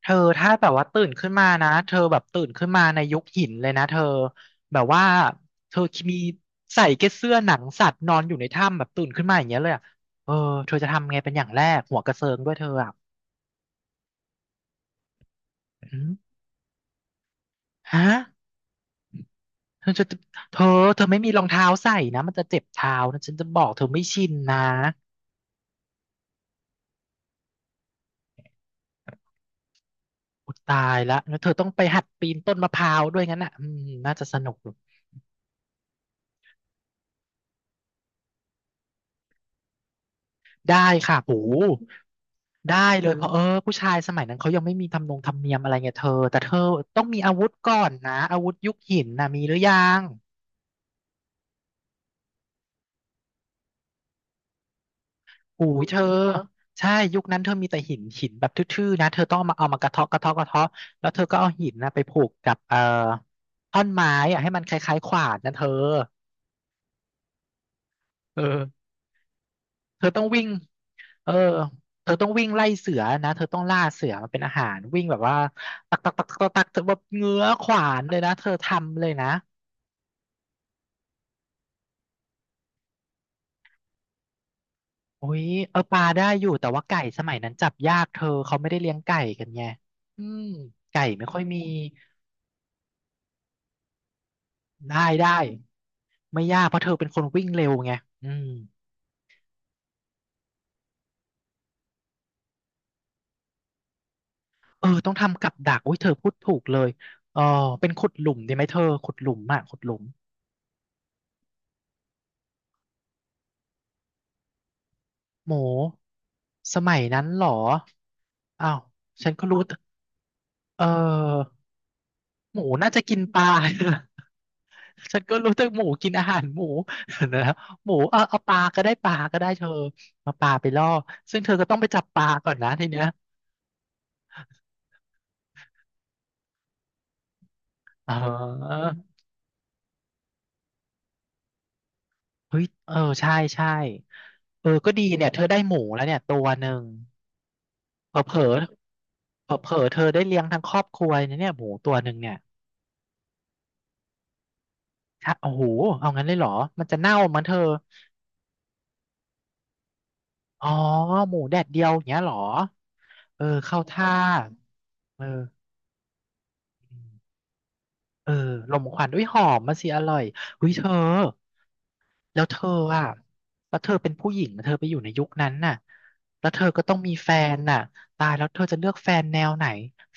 เธอถ้าแบบว่าตื่นขึ้นมานะเธอแบบตื่นขึ้นมาในยุคหินเลยนะเธอแบบว่าเธอมีใส่แค่เสื้อหนังสัตว์นอนอยู่ในถ้ำแบบตื่นขึ้นมาอย่างเงี้ยเลยอะเออเธอจะทำไงเป็นอย่างแรกหัวกระเซิงด้วยเธออ่ะอืมฮะเธอจะเธอเธอไม่มีรองเท้าใส่นะมันจะเจ็บเท้านะฉันจะบอกเธอไม่ชินนะอุยตายละแล้วเธอต้องไปหัดปีนต้นมะพร้าวด้วยงั้นอ่ะอืมน่าจะสนุกได้ค่ะโห ได้เลยเพราะเออผู้ชายสมัยนั้นเขายังไม่มีทำนงธรรมเนียมอะไรเงี้ยเธอแต่เธอต้องมีอาวุธก่อนนะอาวุธยุคหินนะมีหรือยังหูอยเธอใช่ยุคนั้นเธอมีแต่หินหินแบบทื่อๆนะเธอต้องเอามากระเทาะกระเทาะกระเทาะแล้วเธอก็เอาหินนะไปผูกกับท่อนไม้อะให้มันคล้ายๆขวานนะเธอเออเธอต้องวิ่งเออเธอต้องวิ่งไล่เสือนะเธอต้องล่าเสือมาเป็นอาหารวิ่งแบบว่าตักตักตักตักตักเธอแบบเงื้อขวานเลยนะเธอทำเลยนะ โอ้ยเออปลาได้อยู่แต่ว่าไก่สมัยนั้นจับยากเธอเขาไม่ได้เลี้ยงไก่กันไงอืมไก่ไม่ค่อยมีได้ได้ไม่ยากเพราะเธอเป็นคนวิ่งเร็วไงอืมเออต้องทำกับดักอุ้ยเธอพูดถูกเลยเออเป็นขุดหลุมดีไหมเธอขุดหลุมอ่ะขุดหลุมโหมสมัยนั้นเหรออ้าวฉันก็รู้แต่เออหมูน่าจะกินปลา ฉันก็รู้แต่หมูกินอาหารหมู นะครับหมูเอาปลาก็ได้ปลาก็ได้เธอเอาปลาไปล่อซึ่งเธอก็ต้องไปจับปลาก่อนนะทีเนี้ยอ๋อเฮ้ยเออใช่ใช่เออก็ดีเนี่ยเธอได้หมูแล้วเนี่ยตัวหนึ่งเผลอเผลเผลอๆเธอได้เลี้ยงทั้งครอบครัวเนี่ยเนี่ยหมูตัวหนึ่งเนี่ยชะโอ้โหเอางั้นเลยเหรอมันจะเน่ามันเธออ๋อหมูแดดเดียวอย่างเงี้ยเหรอเออเข้าท่าเออเออลมควันอุ้ยหอมมาสิอร่อยหุ้ยเธอ แล้วเธออ่ะแล้วเธอเป็นผู้หญิงนะเธอไปอยู่ในยุคนั้นน่ะแล้วเธอก็ต้องมีแฟนน่ะตายแล้วเธอจะเลือกแฟนแนวไหน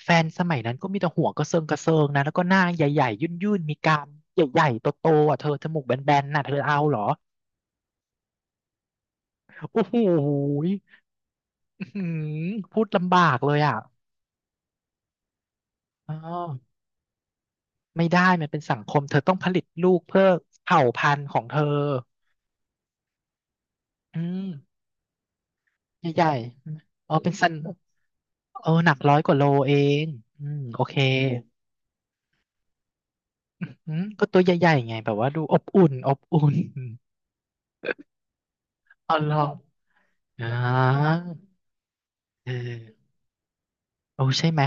แฟนสมัยนั้นก็มีแต่หัวกระเซิงกระเซิงนะแล้วก็หน้าใหญ่ๆยุ่นๆมีกรามใหญ่ๆโตๆอ่ะเธอจมูกแบนๆน่ะเธอเอาเหรอโอ้โหยอื้อหือพูดลำบากเลยอ่ะอ๋อไม่ได้มันเป็นสังคมเธอต้องผลิตลูกเพื่อเผ่าพันธุ์ของเธออืมใหญ่ๆเออเป็นสันเออหนัก100 กว่าโลเองอืมโอเค อืมก็ตัวใหญ่ๆไงแบบว่าดูอบอุ่นอบอุ่นอ๋อเหรออ่าเออโอ้ใช่ไหม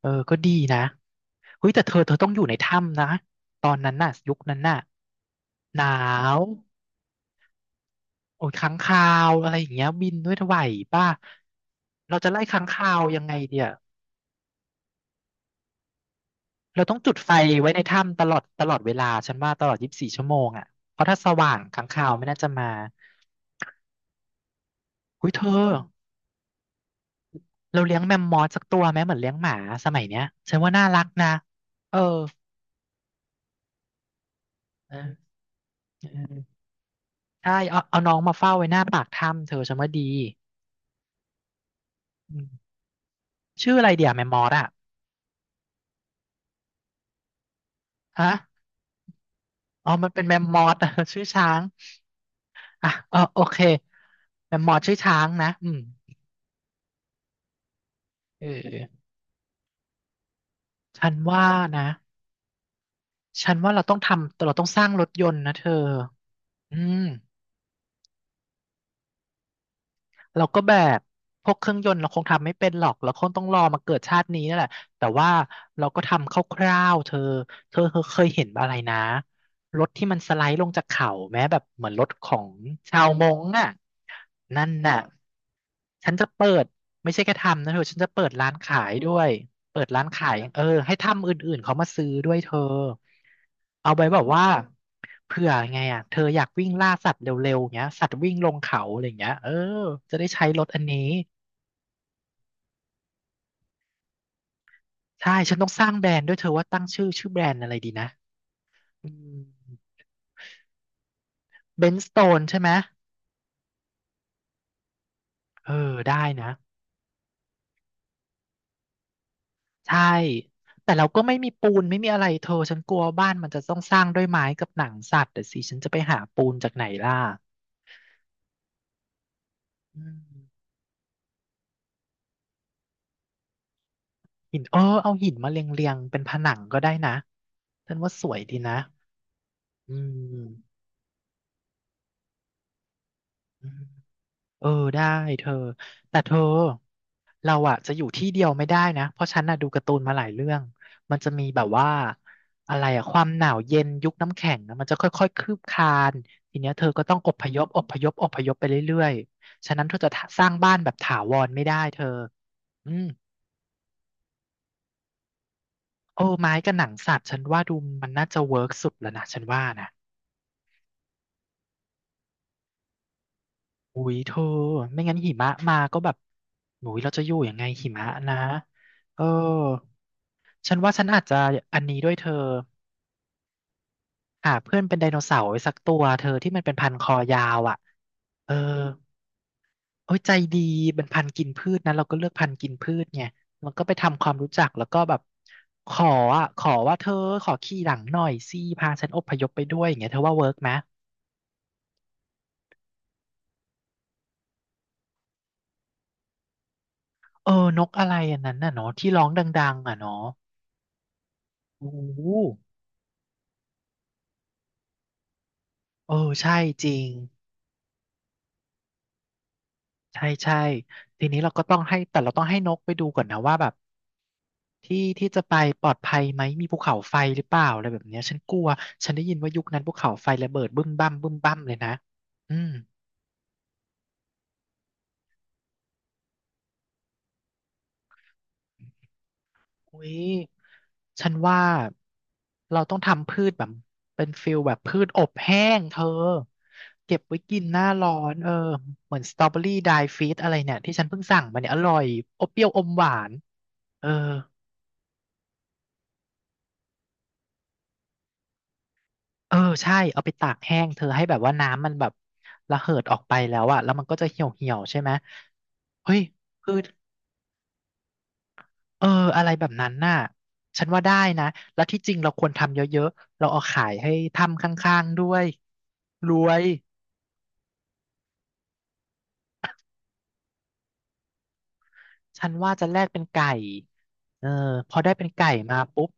เออก็ดีนะเฮ้ยแต่เธอต้องอยู่ในถ้ำนะตอนนั้นน่ะยุคนั้นน่ะหนาวโอ้ยค้างคาวอะไรอย่างเงี้ยบินด้วยไหวป่ะเราจะไล่ค้างคาวยังไงเดียเราต้องจุดไฟไว้ในถ้ำตลอดเวลาฉันว่าตลอด24 ชั่วโมงอ่ะเพราะถ้าสว่างค้างคาวไม่น่าจะมาเฮ้ยเธอ เราเลี้ยงแมมมอสสักตัวไหมเหมือนเลี้ยงหมาสมัยเนี้ยฉันว่าน่ารักนะเออเออเออใช่เอาน้องมาเฝ้าไว้หน้าปากถ้ำเธอฉันว่าดีอืมชื่ออะไรเดี๋ยวแมมมอสอะฮะอ๋อมันเป็นแมมมอสอะ ชื่อช้างอ่ะเออโอเคแมมมอสชื่อช้างนะอืมเออฉันว่านะฉันว่าเราต้องทำเราต้องสร้างรถยนต์นะเธออืม เราก็แบบพวกเครื่องยนต์เราคงทำไม่เป็นหรอกเราคงต้องรอมาเกิดชาตินี้นั่นแหละแต่ว่าเราก็ทำคร่าวๆเธอเธอเคยเห็นอะไรนะรถที่มันสไลด์ลงจากเขาแม้แบบเหมือนรถของชาวมงค์อ่ะนั่นน่ะฉันจะเปิดไม่ใช่แค่ทำนะเธอฉันจะเปิดร้านขายด้วย เปิดร้านขายเออให้ทำอื่นๆเขามาซื้อด้วยเธอเอาไว้แบบว่าเผื่อไงอ่ะเธออยากวิ่งล่าสัตว์เร็วๆเงี้ยสัตว์วิ่งลงเขาอะไรเงี้ยเออจะได้ใช้รถอันนี้ใช่ฉันต้องสร้างแบรนด์ด้วยเธอว่าตั้งชื่อแบรนด์อะไรดีนะอืมเบนสโตนใช่ไหมเออได้นะใช่แต่เราก็ไม่มีปูนไม่มีอะไรเธอฉันกลัวบ้านมันจะต้องสร้างด้วยไม้กับหนังสัตว์แต่สิฉันจะไปหาปูนจากไหนล่ะอืม หินเออเอาหินมาเรียงเรียงเป็นผนังก็ได้นะฉันว่าสวยดีนะอืมอืมเออได้เธอแต่เธอเราอะจะอยู่ที่เดียวไม่ได้นะเพราะฉันน่ะดูการ์ตูนมาหลายเรื่องมันจะมีแบบว่าอะไรอะความหนาวเย็นยุคน้ำแข็งนะมันจะค่อยๆคืบคลานทีเนี้ยเธอก็ต้องอพยพอพยพอพยพไปเรื่อยๆฉะนั้นเธอจะสร้างบ้านแบบถาวรไม่ได้เธออืมโอ้ไม้กับหนังสัตว์ฉันว่าดูมันน่าจะเวิร์กสุดแล้วนะฉันว่านะ อุ้ยเธอไม่งั้นหิมะมาก็แบบหนูเราจะอยู่ยังไงหิมะนะเออฉันว่าฉันอาจจะอันนี้ด้วยเธอหาเพื่อนเป็นไดโนเสาร์ไว้สักตัวเธอที่มันเป็นพันคอยาวอ่ะเออโอ้ยใจดีเป็นพันธุ์กินพืชนะเราก็เลือกพันธุ์กินพืชไงมันก็ไปทำความรู้จักแล้วก็แบบขออ่ะขอว่าเธอขอขี่หลังหน่อยสิพาฉันอพยพไปด้วยอย่างเงี้ยเธอว่าเวิร์กไหมเออนกอะไรอันนั้นน่ะเนาะที่ร้องดังๆอ่ะเนาะโอ้โหเออใช่จริง ใช่ใช่ทีนี้เราก็ต้องให้แต่เราต้องให้นกไปดูก่อนนะว่าแบบที่ที่จะไปปลอดภัยไหมมีภูเขาไฟหรือเปล่าอะไรแบบเนี้ยฉันกลัวฉันได้ยินว่ายุคนั้นภูเขาไฟระเบิดบึ้มบั้มบึ้มบั้มเลยนะอืมอุ้ยฉันว่าเราต้องทำพืชแบบเป็นฟิลแบบพืชอบแห้งเธอเก็บไว้กินหน้าร้อนเออเหมือนสตรอเบอรี่ไดฟีตอะไรเนี่ยที่ฉันเพิ่งสั่งมาเนี่ยอร่อยอบเปรี้ยวอมหวานเออ เออใช่เอาไปตากแห้งเธอให้แบบว่าน้ำมันแบบระเหิดออกไปแล้วอะแล้วมันก็จะเหี่ยวเหี่ยวใช่ไหมเฮ้ยคือเอออะไรแบบนั้นน่ะฉันว่าได้นะแล้วที่จริงเราควรทำเยอะๆเราเอาขายให้ทำข้างๆด้วยรวยฉันว่าจะแลกเป็นไก่เออพอได้เป็นไก่มาปุ๊บ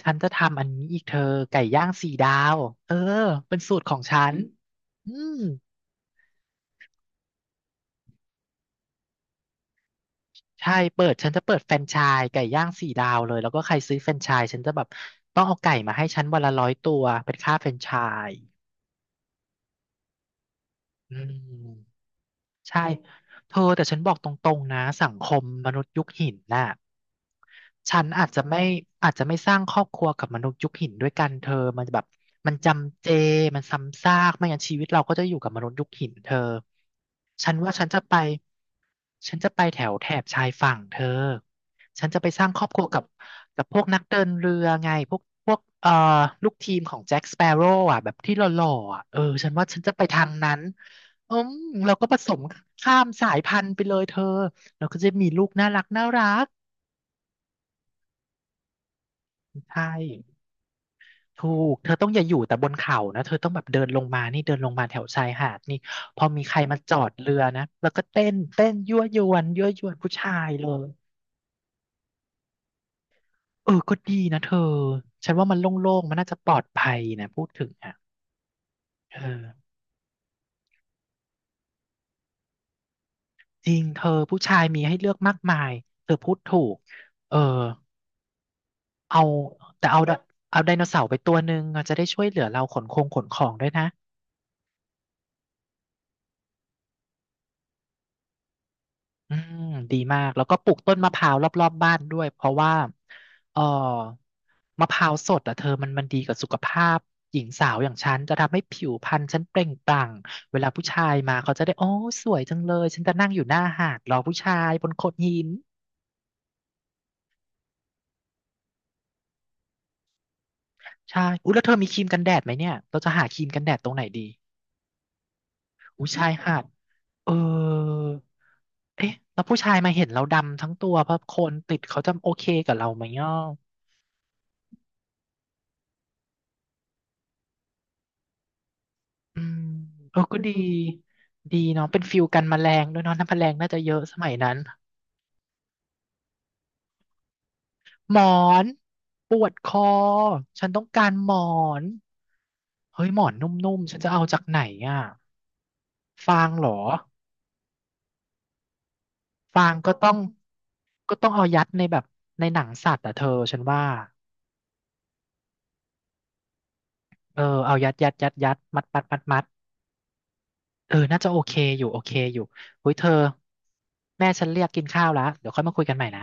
ฉันจะทำอันนี้อีกเธอไก่ย่างสี่ดาวเออเป็นสูตรของฉันอืม ใช่เปิดฉันจะเปิดแฟรนไชส์ไก่ย่างสี่ดาวเลยแล้วก็ใครซื้อแฟรนไชส์ฉันจะแบบต้องเอาไก่มาให้ฉันวันละร้อยตัวเป็นค่าแฟรนไชส์อืมใช่เธอแต่ฉันบอกตรงๆนะสังคมมนุษย์ยุคหินน่ะฉันอาจจะไม่อาจจะไม่สร้างครอบครัวกับมนุษย์ยุคหินด้วยกันเธอมันแบบมันจำเจมันซ้ำซากไม่งั้นชีวิตเราก็จะอยู่กับมนุษย์ยุคหินเธอฉันว่าฉันจะไป ฉันจะไปแถวแถบชายฝั่งเธอ ฉันจะไปสร้างครอบครัวกับกับพวกนักเดินเรือไงพวกพวกลูกทีมของแจ็คสเปโร่อะแบบที่หล่อๆอะเออฉันว่าฉันจะไปทางนั้นอืมเราก็ผสมข้ามสายพันธุ์ไปเลยเธอเราก็จะมีลูกน่ารักน่ารักใช่ถูกเธอต้องอย่าอยู่แต่บนเขานะเธอต้องแบบเดินลงมานี่เดินลงมาแถวชายหาดนี่พอมีใครมาจอดเรือนะแล้วก็เต้นเต้นยั่วยวนยั่วยวนผู้ชายเลย เออก็ดีนะเธอฉันว่ามันโล่งๆมันน่าจะปลอดภัยนะพูดถึงอ่ะเออจริงเธอผู้ชายมีให้เลือกมากมายเธอพูดถูกเออเอาแต่เอาไดโนเสาร์ไปตัวหนึ่งอะจะได้ช่วยเหลือเราขนคงขนของด้วยนะ อืมดีมากแล้วก็ปลูกต้นมะพร้าวรอบๆบ้านด้วยเพราะว่าเออมะพร้าวสดอ่ะเธอมันมันดีกับสุขภาพหญิงสาวอย่างฉันจะทำให้ผิวพรรณฉันเปล่งปลั่งเวลาผู้ชายมาเขาจะได้โอ้สวยจังเลยฉันจะนั่งอยู่หน้าหาดรอผู้ชายบนโขดหินใช่อุ๊ยแล้วเธอมีครีมกันแดดไหมเนี่ยเราจะหาครีมกันแดดตรงไหนดีอุ๊ยชายหาดเออเอ๊ะแล้วผู้ชายมาเห็นเราดำทั้งตัวเพราะโคนติดเขาจะโอเคกับเราไหมเนาะ อืมเออก็ดีดีเนาะเป็นฟิลกันแมลงด้วยเนาะน้ำแมลงน่าจะเยอะสมัยนั้นหมอนปวดคอฉันต้องการหมอนเฮ้ยหมอนนุ่มๆฉันจะเอาจากไหนอ่ะฟางเหรอฟางก็ต้องก็ต้องเอายัดในแบบในหนังสัตว์อ่ะเธอฉันว่าเออเอายัดยัดยัดยัดมัดมัดมัดมัดเออน่าจะโอเคอยู่โอเคอยู่เฮ้ยเธอแม่ฉันเรียกกินข้าวแล้วเดี๋ยวค่อยมาคุยกันใหม่นะ